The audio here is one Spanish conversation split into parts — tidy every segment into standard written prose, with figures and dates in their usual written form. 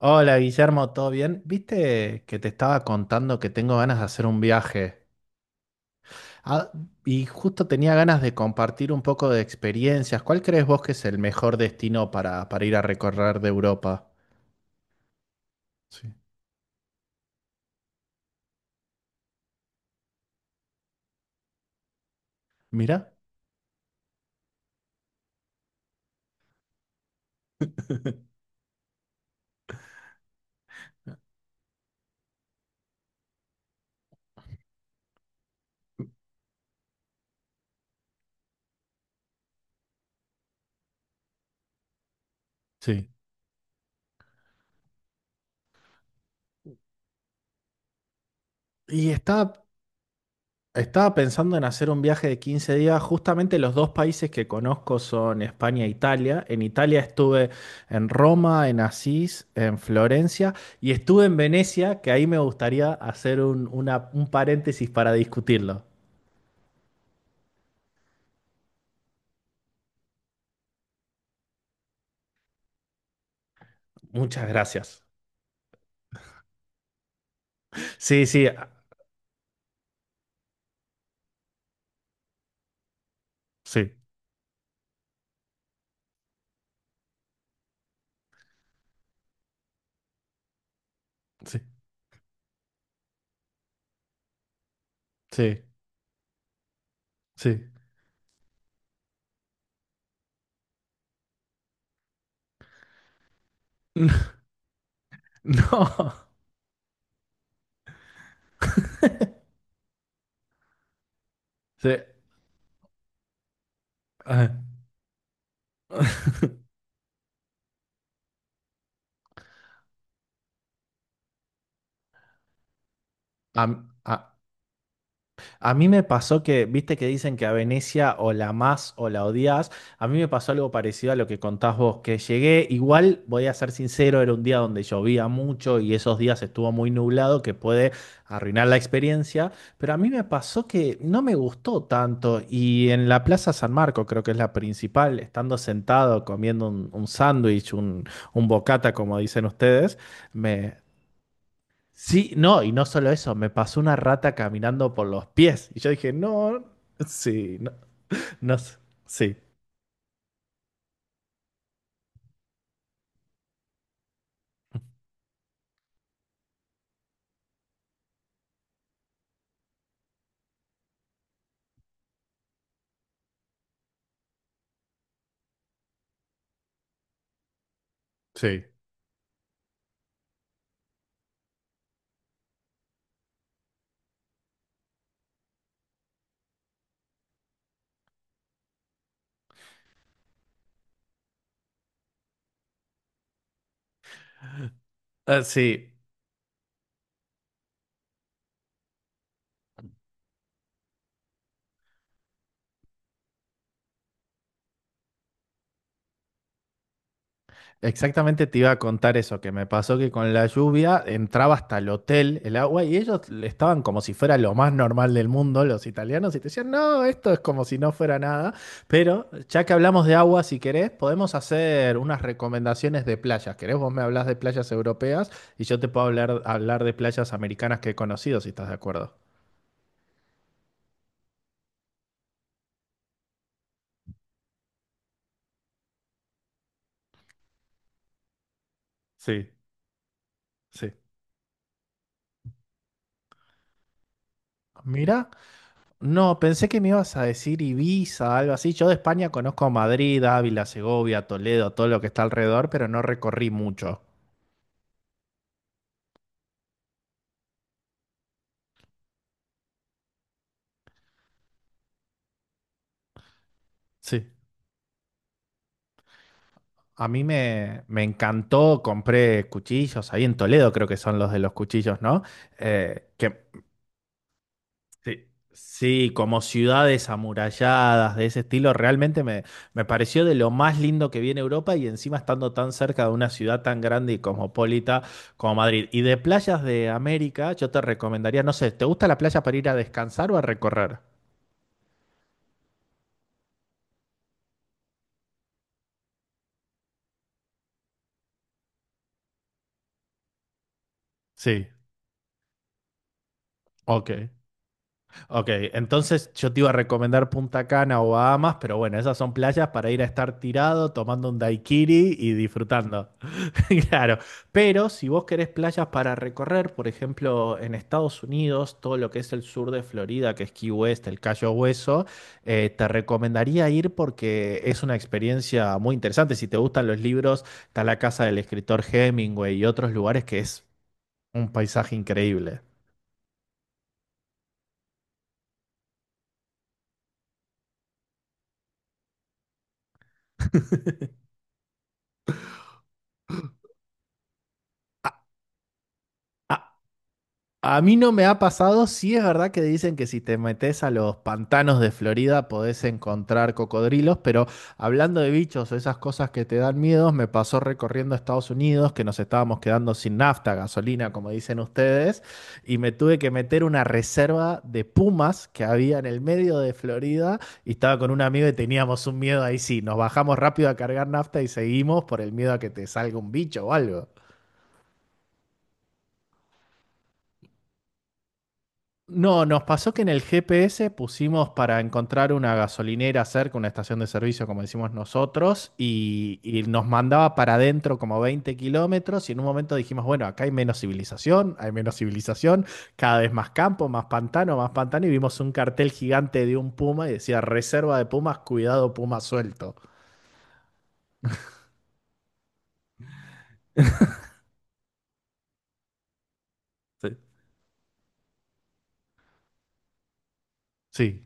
Hola Guillermo, ¿todo bien? Viste que te estaba contando que tengo ganas de hacer un viaje. Ah, y justo tenía ganas de compartir un poco de experiencias. ¿Cuál crees vos que es el mejor destino para ir a recorrer de Europa? Sí. Mira. Sí. Y estaba, Estaba pensando en hacer un viaje de 15 días. Justamente los dos países que conozco son España e Italia. En Italia estuve en Roma, en Asís, en Florencia y estuve en Venecia, que ahí me gustaría hacer un paréntesis para discutirlo. Muchas gracias. Sí, sí, ah, sí, sí, sí, sí. No, sí. ah, a- a- A mí me pasó que, viste que dicen que a Venecia o la amás o la odias. A mí me pasó algo parecido a lo que contás vos, que llegué, igual voy a ser sincero, era un día donde llovía mucho y esos días estuvo muy nublado, que puede arruinar la experiencia, pero a mí me pasó que no me gustó tanto y en la Plaza San Marco, creo que es la principal, estando sentado comiendo un sándwich, un bocata, como dicen ustedes. me, Sí, no, y no solo eso, me pasó una rata caminando por los pies. Y yo dije, no, sí, no, no, sí. Sí. Ah, sí. Exactamente te iba a contar eso, que me pasó que con la lluvia entraba hasta el hotel el agua y ellos estaban como si fuera lo más normal del mundo, los italianos, y te decían, no, esto es como si no fuera nada, pero ya que hablamos de agua, si querés, podemos hacer unas recomendaciones de playas. ¿Querés? Vos me hablas de playas europeas y yo te puedo hablar de playas americanas que he conocido, si estás de acuerdo. Sí, sí. Mira. No, pensé que me ibas a decir Ibiza, algo así. Yo de España conozco Madrid, Ávila, Segovia, Toledo, todo lo que está alrededor, pero no recorrí mucho. Sí. A mí me encantó, compré cuchillos, ahí en Toledo creo que son los de los cuchillos, ¿no? Que Sí, sí, como ciudades amuralladas de ese estilo, realmente me pareció de lo más lindo que vi en Europa y encima estando tan cerca de una ciudad tan grande y cosmopolita como Madrid. Y de playas de América, yo te recomendaría, no sé, ¿te gusta la playa para ir a descansar o a recorrer? Sí, ok. Ok, entonces yo te iba a recomendar Punta Cana o Bahamas, pero bueno, esas son playas para ir a estar tirado, tomando un daiquiri y disfrutando. Claro, pero si vos querés playas para recorrer, por ejemplo, en Estados Unidos, todo lo que es el sur de Florida, que es Key West, el Cayo Hueso, te recomendaría ir porque es una experiencia muy interesante. Si te gustan los libros, está la casa del escritor Hemingway y otros lugares que es un paisaje increíble. A- a- A mí no me ha pasado, sí es verdad que dicen que si te metes a los pantanos de Florida podés encontrar cocodrilos, pero hablando de bichos o esas cosas que te dan miedos, me pasó recorriendo Estados Unidos que nos estábamos quedando sin nafta, gasolina, como dicen ustedes, y me tuve que meter una reserva de pumas que había en el medio de Florida y estaba con un amigo y teníamos un miedo ahí sí, nos bajamos rápido a cargar nafta y seguimos por el miedo a que te salga un bicho o algo. No, nos pasó que en el GPS pusimos para encontrar una gasolinera cerca, una estación de servicio, como decimos nosotros, y nos mandaba para adentro como 20 kilómetros y en un momento dijimos, bueno, acá hay menos civilización, cada vez más campo, más pantano, y vimos un cartel gigante de un puma y decía, reserva de pumas, cuidado puma suelto. Sí. Sí.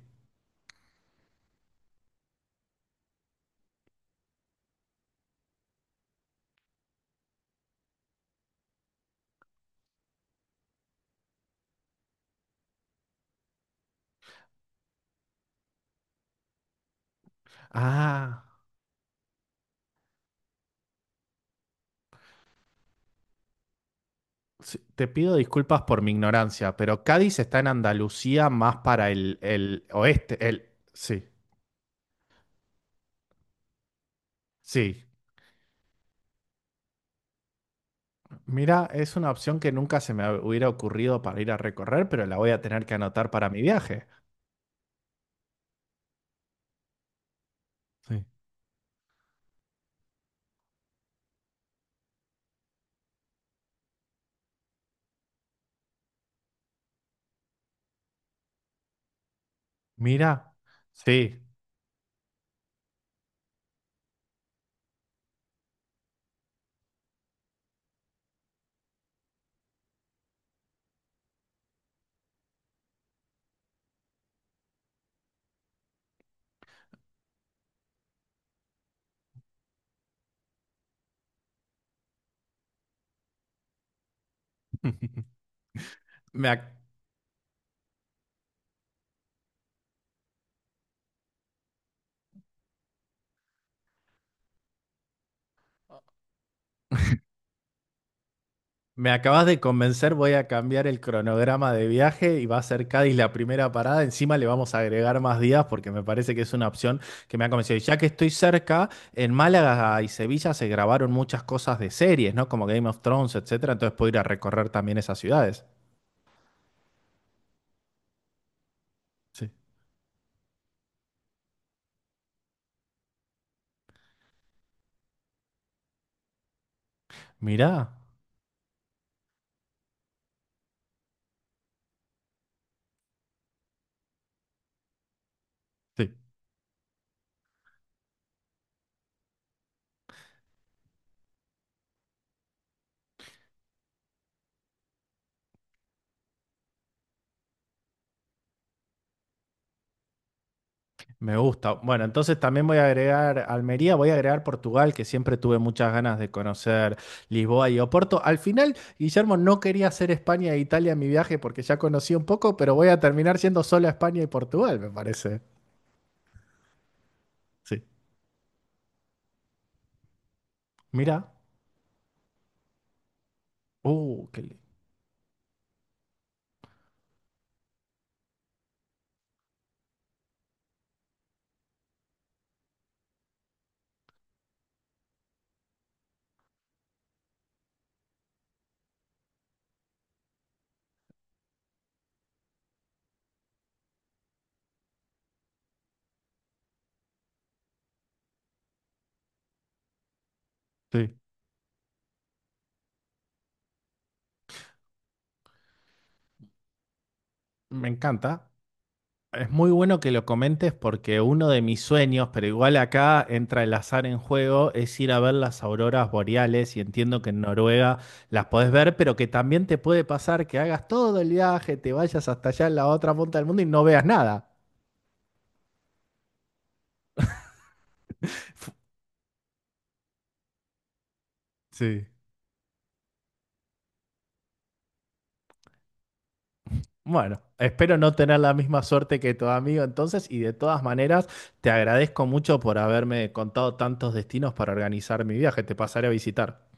Ah, sí, te pido disculpas por mi ignorancia, pero Cádiz está en Andalucía más para el oeste, el... Sí. Sí, mira, es una opción que nunca se me hubiera ocurrido para ir a recorrer, pero la voy a tener que anotar para mi viaje. Sí. Mira, sí. me, ac- Me acabas de convencer, voy a cambiar el cronograma de viaje y va a ser Cádiz la primera parada. Encima le vamos a agregar más días porque me parece que es una opción que me ha convencido. Y ya que estoy cerca, en Málaga y Sevilla se grabaron muchas cosas de series, ¿no? Como Game of Thrones, etcétera. Entonces puedo ir a recorrer también esas ciudades. Sí. Mira. Sí. Me gusta. Bueno, entonces también voy a agregar Almería, voy a agregar Portugal, que siempre tuve muchas ganas de conocer Lisboa y Oporto. Al final, Guillermo, no quería hacer España e Italia en mi viaje porque ya conocí un poco, pero voy a terminar siendo solo España y Portugal, me parece. Sí. Mira. Uh, qué li- Sí, me encanta. Es muy bueno que lo comentes porque uno de mis sueños, pero igual acá entra el azar en juego, es ir a ver las auroras boreales y entiendo que en Noruega las podés ver, pero que también te puede pasar que hagas todo el viaje, te vayas hasta allá en la otra punta del mundo y no veas nada. Sí. Bueno, espero no tener la misma suerte que tu amigo entonces y de todas maneras te agradezco mucho por haberme contado tantos destinos para organizar mi viaje, te pasaré a visitar.